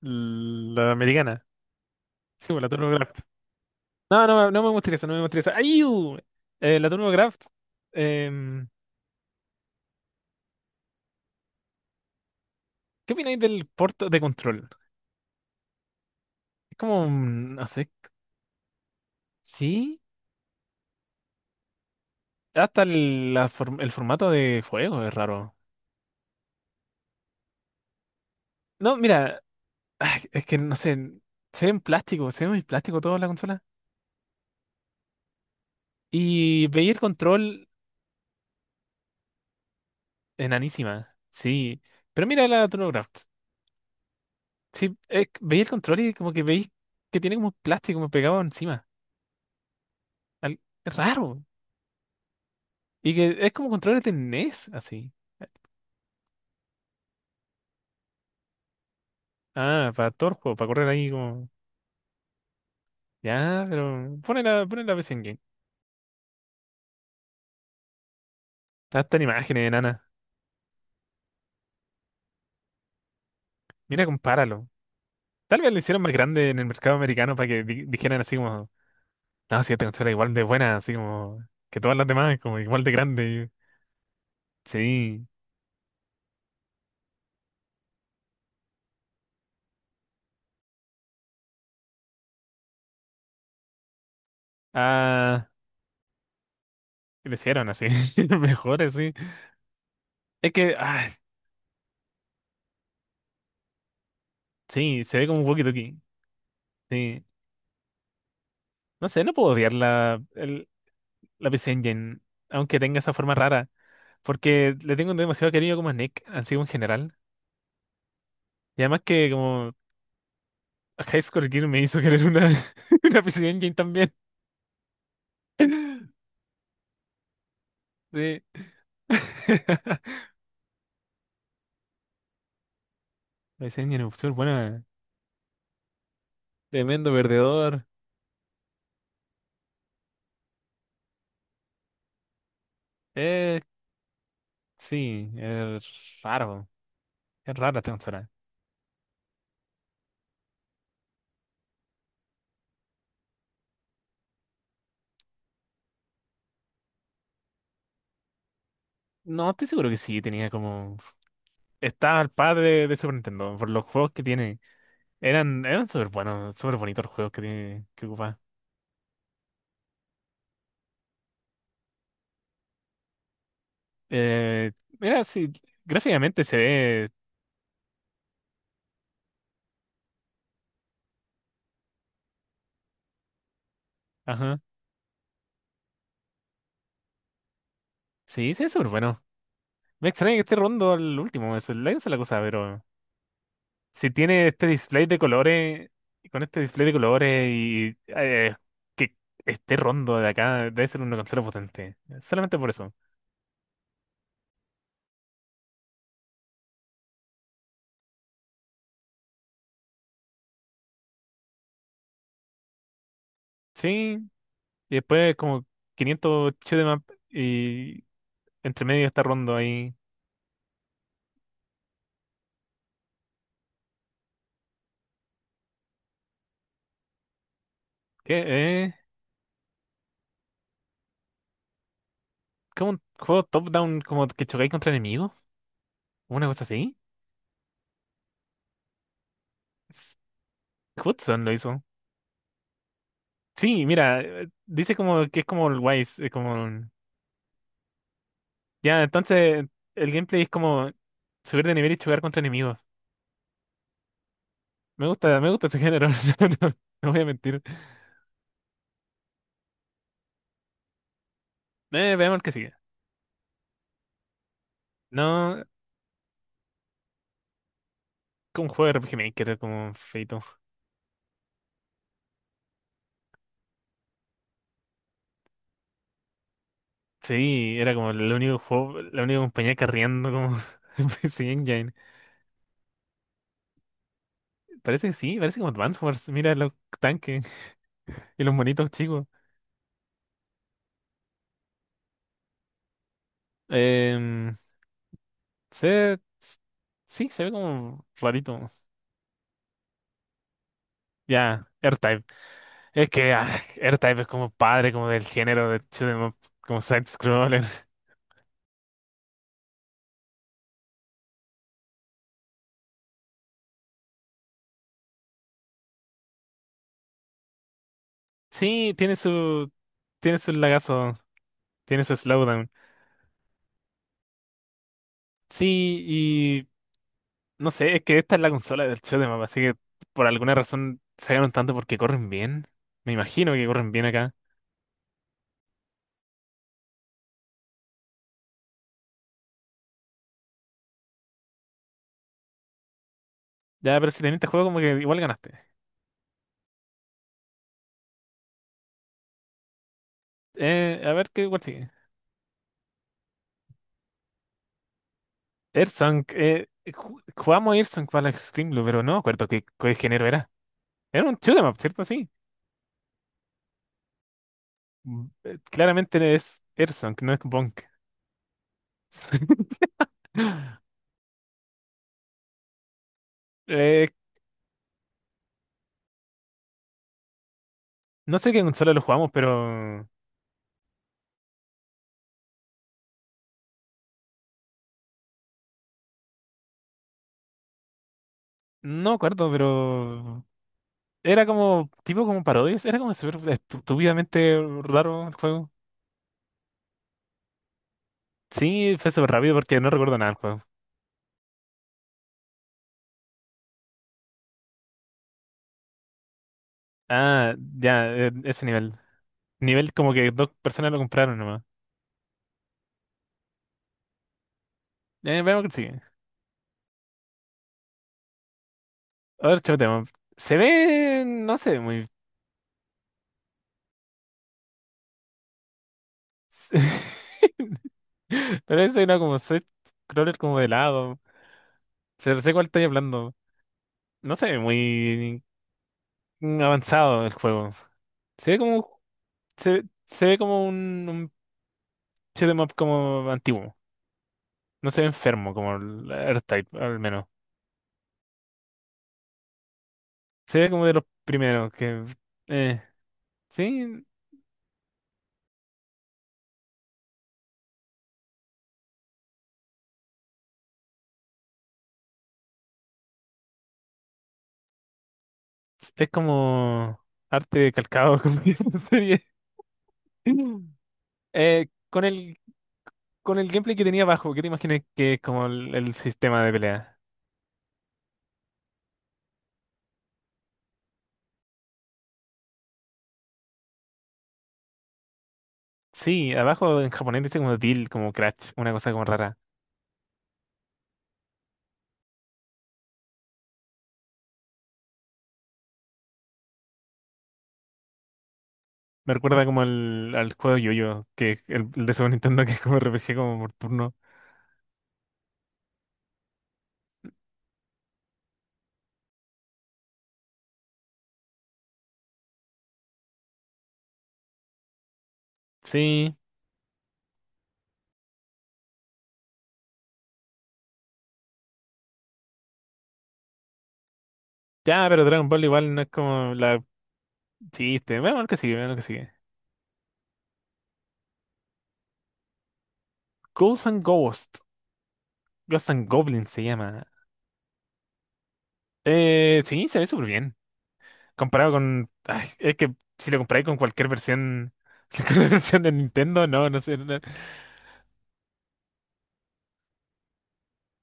La americana. Sí, pues la TurboCraft. No, no, no me gustaría eso, no me gustaría eso. ¡Ayú! La TurboCraft. em, ¿Qué opináis del puerto de control? Es como, no sé, sí. Hasta el formato de juego es raro. No, mira, ay, es que no sé, se ve en plástico, se ve muy plástico toda la consola. Y veía el control enanísima, sí. Pero mira la TurboCraft. Sí, veía el control y como que veis que tiene como plástico como pegado encima. Es raro. Y que es como controles de NES, así. Ah, para todo el juego, para correr ahí como. Ya, pero pone pone la PC en game. Hasta en imágenes, enana. Mira, compáralo. Tal vez lo hicieron más grande en el mercado americano para que dijeran así como. No, si esta consola es igual de buena, así como. Que todas las demás, como igual de grande. Sí. Ah, y lo hicieron así. Mejor así. Es que, ah, sí, se ve como un walkie-talkie. Sí. No sé, no puedo odiar la PC Engine, aunque tenga esa forma rara. Porque le tengo demasiado cariño como a Nick, así como en general. Y además que como a High Score Gear me hizo querer una, una PC Engine también. Sí. PC Engine Opción, bueno, tremendo perdedor. Eh, sí, es raro. Es rara esta consola. No, estoy seguro que sí, tenía como... Estaba al par de Super Nintendo, por los juegos que tiene. Eran, eran súper buenos, súper bonitos los juegos que tiene, que ocupa. Eh, mira, sí, gráficamente se ve... Ajá. Sí, se ve súper bueno. Me extraña que esté rondo al último, esa es la cosa, pero si tiene este display de colores, con este display de colores y que esté rondo de acá, debe ser una consola potente. Solamente por eso. Sí, y después como 500 shoot 'em up y entre medio está rondo ahí. ¿Qué? ¿Eh? ¿Cómo un juego top-down como que chocáis contra enemigos? ¿Una cosa así? S- Hudson lo hizo. Sí, mira, dice como que es como el Wise, es como... Ya, entonces el gameplay es como subir de nivel y jugar contra enemigos. Me gusta ese género. No, no voy a mentir. Veamos el que sigue. No, como un juego de RPG Maker, como feito. Sí, era como el único juego, la única compañía carriendo como en PC Engine. Parece que sí, parece como Advance Wars. Mira los tanques y los monitos chicos. Em, se, s- sí, se ve como rarito. Ya, AirType. Es que R-Type es como padre, como del género de shoot 'em up, como side-scroller. Sí, tiene su lagazo, tiene su slowdown. Sí, y no sé, es que esta es la consola del shoot 'em up, así que por alguna razón se ganaron tanto porque corren bien. Me imagino que corren bien acá. Ya, pero si tenés este juego, como que igual ganaste. A ver qué igual sigue. Earthsong, jugamos Earthsong para la Extreme Blue, pero no me acuerdo qué género era. Era un shoot 'em up, ¿cierto? Sí. Claramente es Erson, que no es Bonk. Eh, no sé qué consola lo jugamos, pero. No me acuerdo, pero. Era como. Tipo como parodias. Era como súper estúpidamente raro el juego. Sí, fue súper rápido porque no recuerdo nada del juego. Ah, ya, ese nivel. Nivel como que dos personas lo compraron nomás. Veamos que sigue. Otro tema. Se ve. No sé, muy. Pero eso era como set crawler como de lado. Se sé cuál estoy hablando. No se ve muy avanzado el juego. Se ve como, se ve como un shoot'em up como antiguo. No se ve enfermo como el R-Type, al menos. Se ve como de los primeros que... eh, sí, es como arte calcado como dice la serie. Eh, con el, con el gameplay que tenía abajo, ¿qué te imaginas que es como el sistema de pelea? Sí, abajo en japonés dice como deal, como crash, una cosa como rara. Me recuerda como al juego Yo-Yo, que es el de Super Nintendo, que es como RPG como por turno. Sí, ya, pero Dragon Ball igual no es como la chiste. Veamos lo que sigue, veamos lo que sigue. Ghouls and Ghosts, Ghosts and Goblins se llama. Sí, se ve súper bien. Comparado con... ay, es que si lo comparáis con cualquier versión, con la versión de Nintendo, no, no sé. No-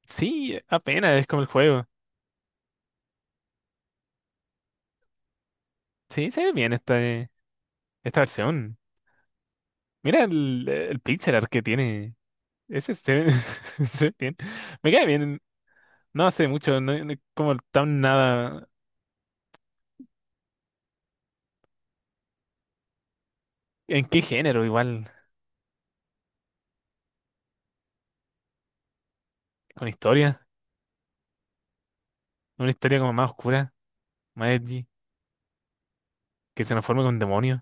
Sí, apenas es como el juego. Sí, se ve bien esta, esta versión. Mira el pixel art que tiene. Ese se ve, se ve bien. Me cae bien. No hace mucho, no, como tan nada. ¿En qué género? Igual, con historia. Una historia como más oscura, más edgy, que se nos forme con demonios.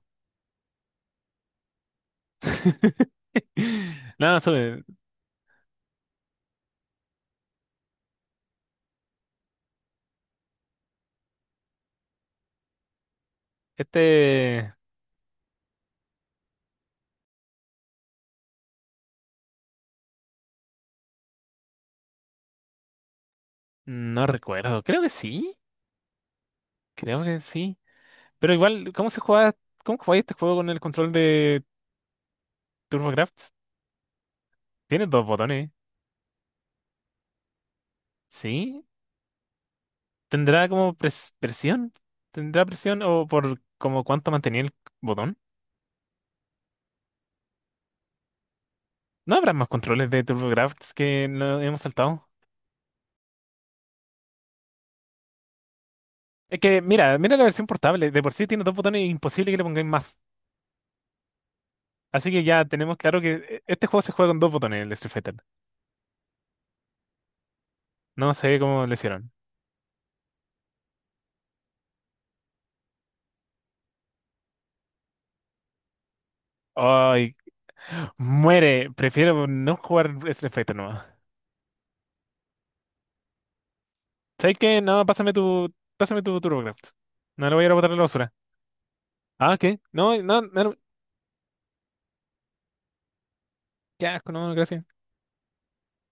No, sobre este no recuerdo. Creo que sí. Creo que sí. Pero igual, ¿cómo se juega? ¿Cómo juega este juego con el control de TurboGrafx? Tiene dos botones. ¿Sí? ¿Tendrá como presión? ¿Tendrá presión o por como cuánto mantenía el botón? ¿No habrá más controles de TurboGrafx que no hemos saltado? Es que, mira, mira la versión portable. De por sí tiene dos botones y imposible que le pongáis más. Así que ya tenemos claro que este juego se juega con dos botones, el de Street Fighter. No sé cómo lo hicieron. Ay, muere. Prefiero no jugar Street Fighter nomás. ¿Sabes qué? No, pásame tu TurboGrafx. No lo voy a ir a botar a la basura. Ah, ¿qué? No, no, no. Qué asco, no, gracias.